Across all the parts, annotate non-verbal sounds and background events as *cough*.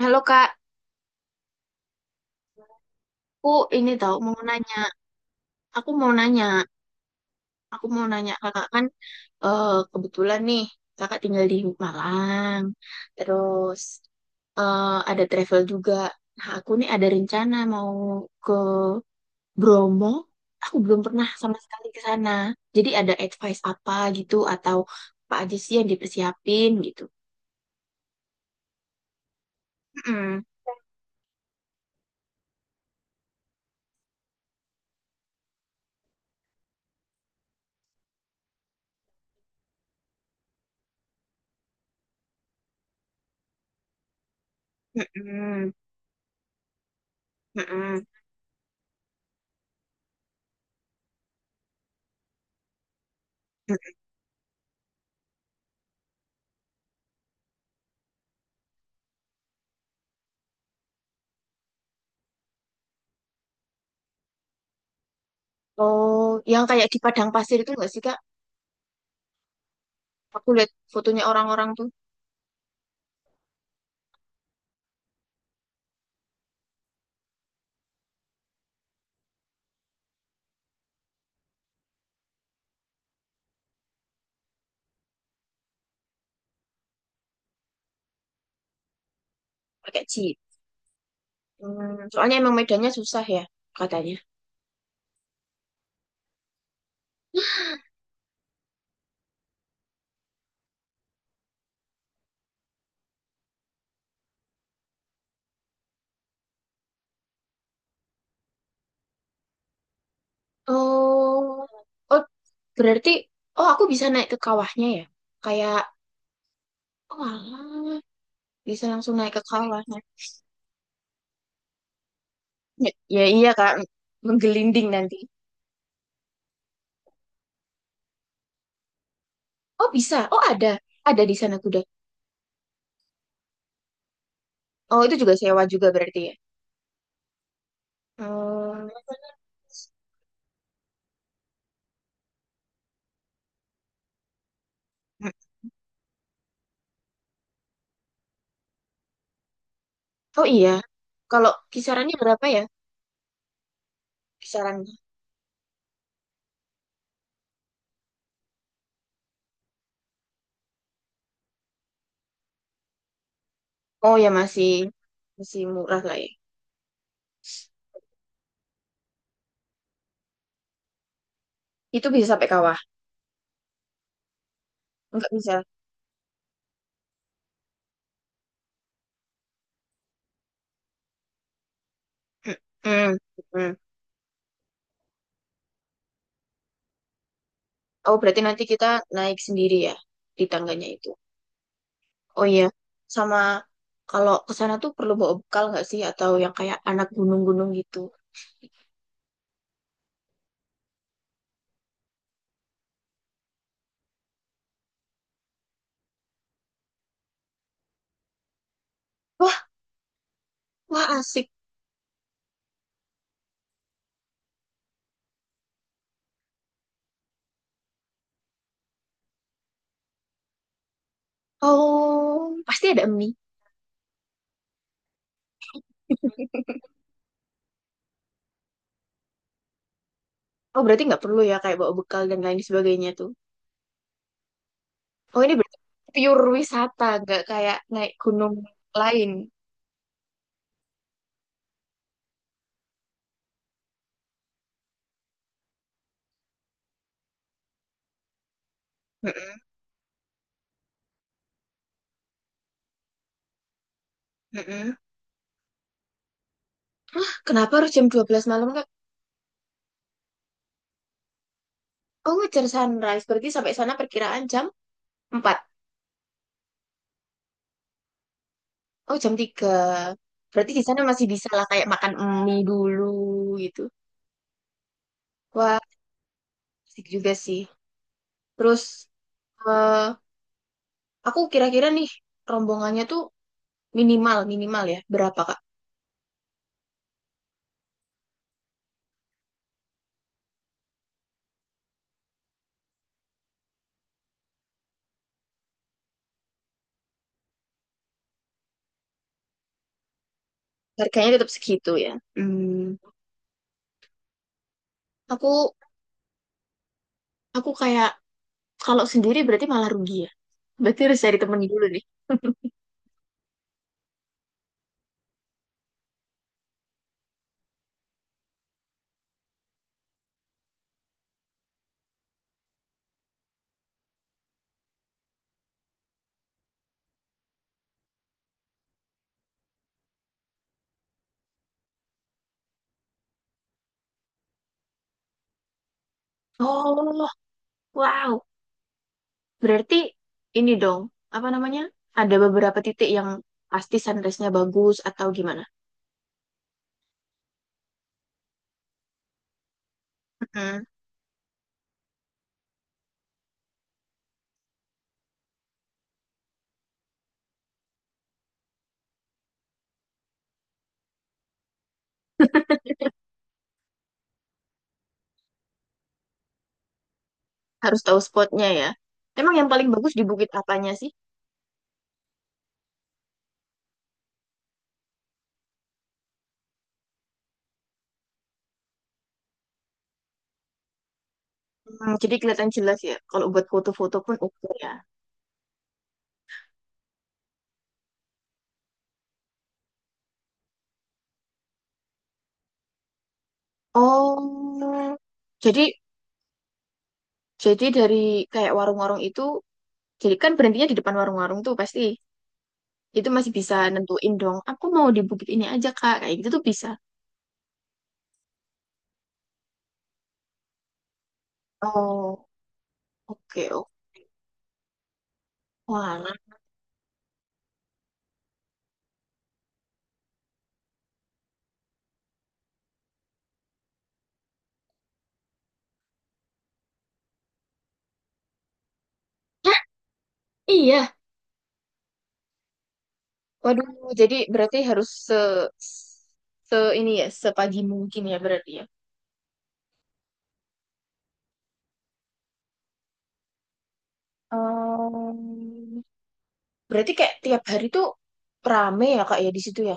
Halo Kak, Aku ini tahu mau nanya. Aku mau nanya, aku mau nanya Kakak kan, eh, kebetulan nih Kakak tinggal di Malang. Terus, eh, ada travel juga. Nah, aku nih ada rencana mau ke Bromo. Aku belum pernah sama sekali ke sana. Jadi ada advice apa gitu atau apa aja sih yang dipersiapin gitu. Mm-mm, mm-mm, mm-mm. Oh, yang kayak di Padang Pasir itu nggak sih, Kak? Aku lihat fotonya orang-orang tuh pakai jeep. Hmm, soalnya emang medannya susah ya katanya. Oh, oh, berarti, oh, aku bisa naik ke kawahnya ya? Kayak, oh alah, bisa langsung naik ke kawahnya. Ya, ya iya Kak, menggelinding nanti. Oh bisa. Oh ada. Ada di sana kuda. Oh itu juga sewa juga berarti ya. Hmm. Hmm. Oh iya. Kalau kisarannya berapa ya? Kisarannya. Oh ya, masih masih murah lah ya. Itu bisa sampai kawah. Enggak bisa. Mm, mm. Oh, berarti nanti kita naik sendiri ya di tangganya itu. Oh iya, sama kalau ke sana tuh perlu bawa bekal nggak sih? Atau yang kayak anak gunung-gunung gitu. Wah, wah asik. Oh, pasti ada mie. *laughs* Oh, berarti nggak perlu ya kayak bawa bekal dan lain sebagainya tuh. Oh, ini berarti pure wisata, nggak kayak naik gunung lain. Mm-mm, mm-mm. Hah, kenapa harus jam 12 malam, Kak? Oh, ngejar sunrise. Berarti sampai sana perkiraan jam 4. Oh, jam 3. Berarti di sana masih bisa lah kayak makan mie dulu, gitu. Wah, asik juga sih. Terus, eh aku kira-kira nih, rombongannya tuh minimal minimal ya berapa, Kak? Harganya tetap segitu ya. Hmm, aku aku kayak kalau sendiri berarti malah rugi ya. Berarti harus cari temen dulu nih. Oh, wow. Berarti ini dong, apa namanya? Ada beberapa titik yang pasti sunrise-nya bagus atau gimana? Harus tahu spotnya ya. Emang yang paling bagus di bukit apanya sih? Hmm, jadi kelihatan jelas ya. Kalau buat foto-foto pun oke ya. Oh, jadi jadi dari kayak warung-warung itu, jadi kan berhentinya di depan warung-warung tuh pasti. Itu masih bisa nentuin dong. Aku mau di bukit ini aja Kak, kayak gitu tuh bisa. Oh, oke, oke. Wah. Hah, iya. Waduh, jadi berarti harus se, se ini ya, sepagi mungkin ya berarti ya. Oh. Berarti kayak tiap hari tuh rame ya kak ya di situ ya.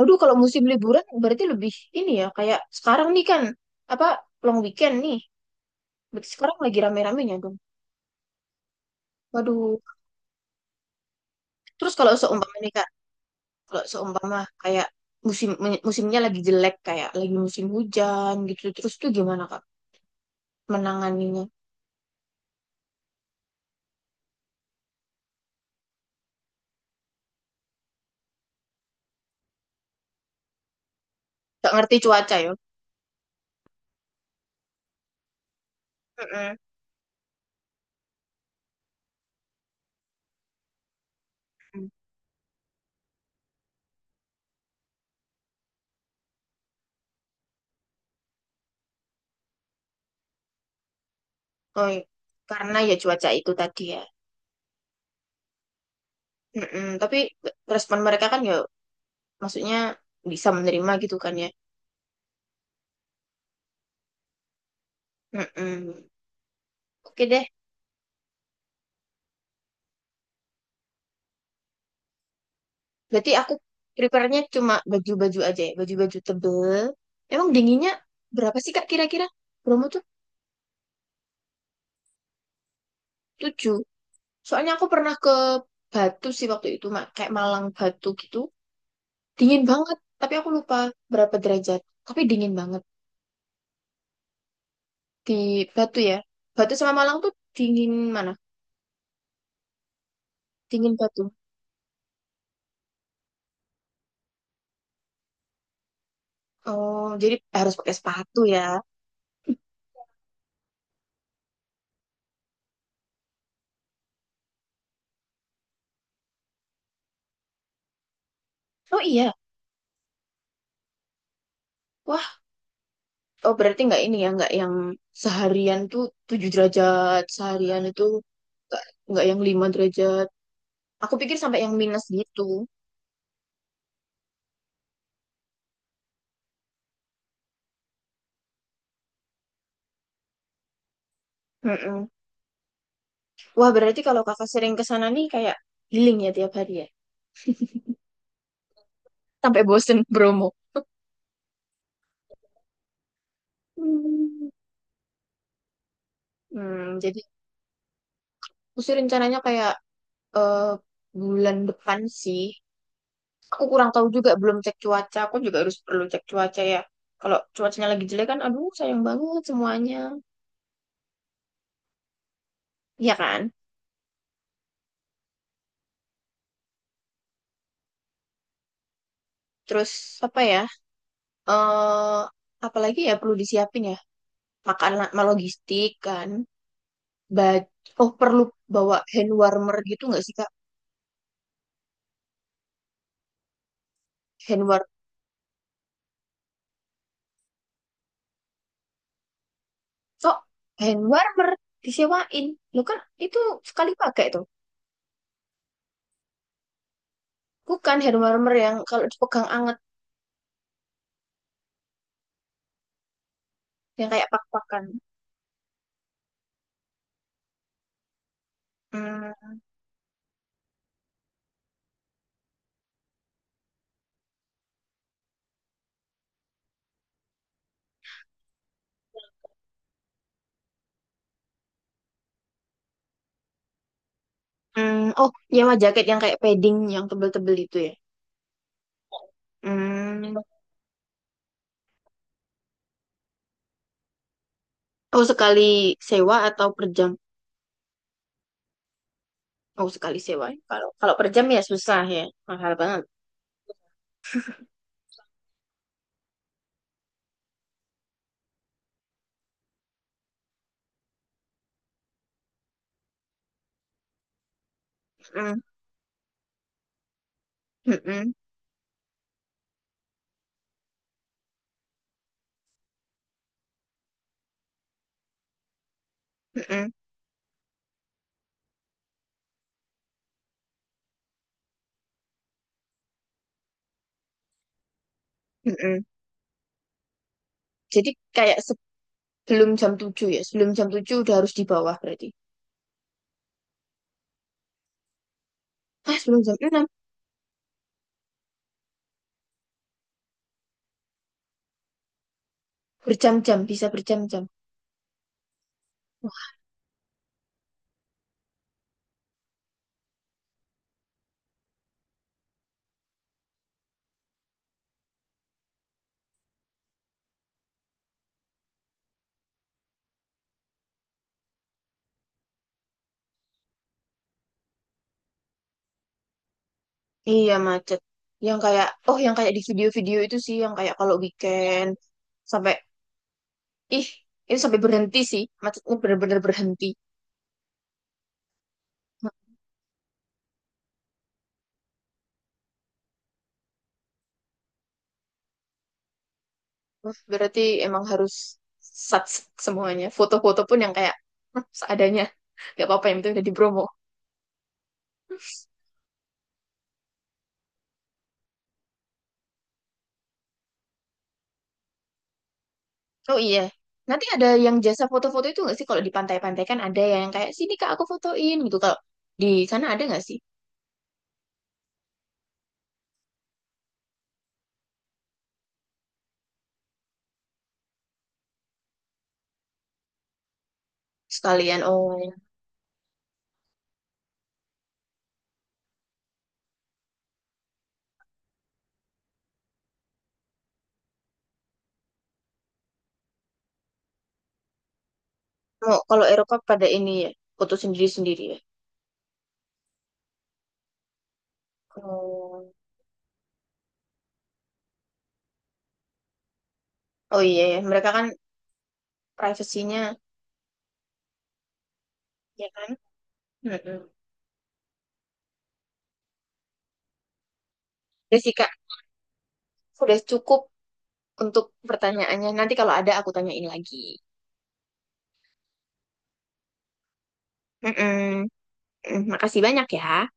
Aduh, kalau musim liburan berarti lebih ini ya, kayak sekarang nih kan, apa, long weekend nih. Berarti sekarang lagi rame-ramenya dong. Waduh. Terus, kalau seumpama kayak musim musimnya lagi jelek, kayak lagi musim hujan gitu terus tuh, gimana kak menanganinya? Gak ngerti cuaca ya. Mm-mm. Oh, iya, karena ya cuaca itu tadi ya. Mm-mm. Tapi respon mereka kan ya, maksudnya bisa menerima gitu kan ya. Mm-mm. Oke deh, berarti aku prepare-nya cuma baju-baju aja ya, baju-baju tebel. Emang dinginnya berapa sih Kak kira-kira? Bromo tuh tujuh. Soalnya aku pernah ke Batu sih waktu itu, Mak. Kayak Malang Batu gitu. Dingin banget, tapi aku lupa berapa derajat. Tapi dingin banget di Batu ya. Batu sama Malang tuh dingin mana? Dingin Batu. Oh, jadi harus pakai sepatu ya. Oh iya, wah. Oh, berarti nggak ini ya, nggak yang seharian tuh 7 derajat, seharian itu nggak nggak yang 5 derajat. Aku pikir sampai yang minus gitu. Mm-mm. Wah, berarti kalau kakak sering ke sana nih, kayak healing ya tiap hari ya. Sampai bosen Bromo. Hmm. Hmm, jadi aku sih rencananya kayak, eh, bulan depan sih. Aku kurang tahu juga, belum cek cuaca. Aku juga harus perlu cek cuaca ya. Kalau cuacanya lagi jelek kan, aduh sayang banget semuanya. Iya kan? Terus apa ya? eh Apalagi ya perlu disiapin ya, makanan sama logistik kan. Ba- oh, perlu bawa hand warmer gitu nggak sih kak? Hand war Oh, hand warmer disewain lu kan, itu sekali pakai tuh, bukan hand warmer yang kalau dipegang anget, yang kayak pak-pakan. Hmm, hmm, oh, nyewa jaket yang kayak padding yang tebel-tebel itu ya? Hmm, oh, sekali sewa atau per jam? Oh, sekali sewa ya. Kalau kalau per jam ya susah ya, mahal banget. Hmm. Mm-mm. Mm-mm, mm-mm. Jadi kayak sebelum jam 7 ya, sebelum jam 7 udah harus di bawah berarti. Ah, sebelum jam 6. Berjam-jam, bisa berjam-jam. Iya macet. Yang kayak, oh, yang kayak di video-video itu sih, yang kayak kalau weekend sampai, ih, itu sampai berhenti sih, macetnya bener-bener berhenti. Wah. Berarti emang harus sat semuanya. Foto-foto pun yang kayak, "Hah, seadanya. Gak apa-apa, yang penting udah di Bromo." Oh iya. Nanti ada yang jasa foto-foto itu nggak sih? Kalau di pantai-pantai kan ada yang kayak, "Sini kak, aku fotoin," gitu. Kalau di sana ada nggak sih? Sekalian, oh. Oh, kalau Eropa pada ini ya, foto sendiri-sendiri ya. Oh, oh iya ya. Mereka kan privasinya, ya kan. Mm-mm. Udah sih kak, udah cukup untuk pertanyaannya. Nanti kalau ada aku tanyain lagi. Mm-mm. Mm, makasih banyak ya.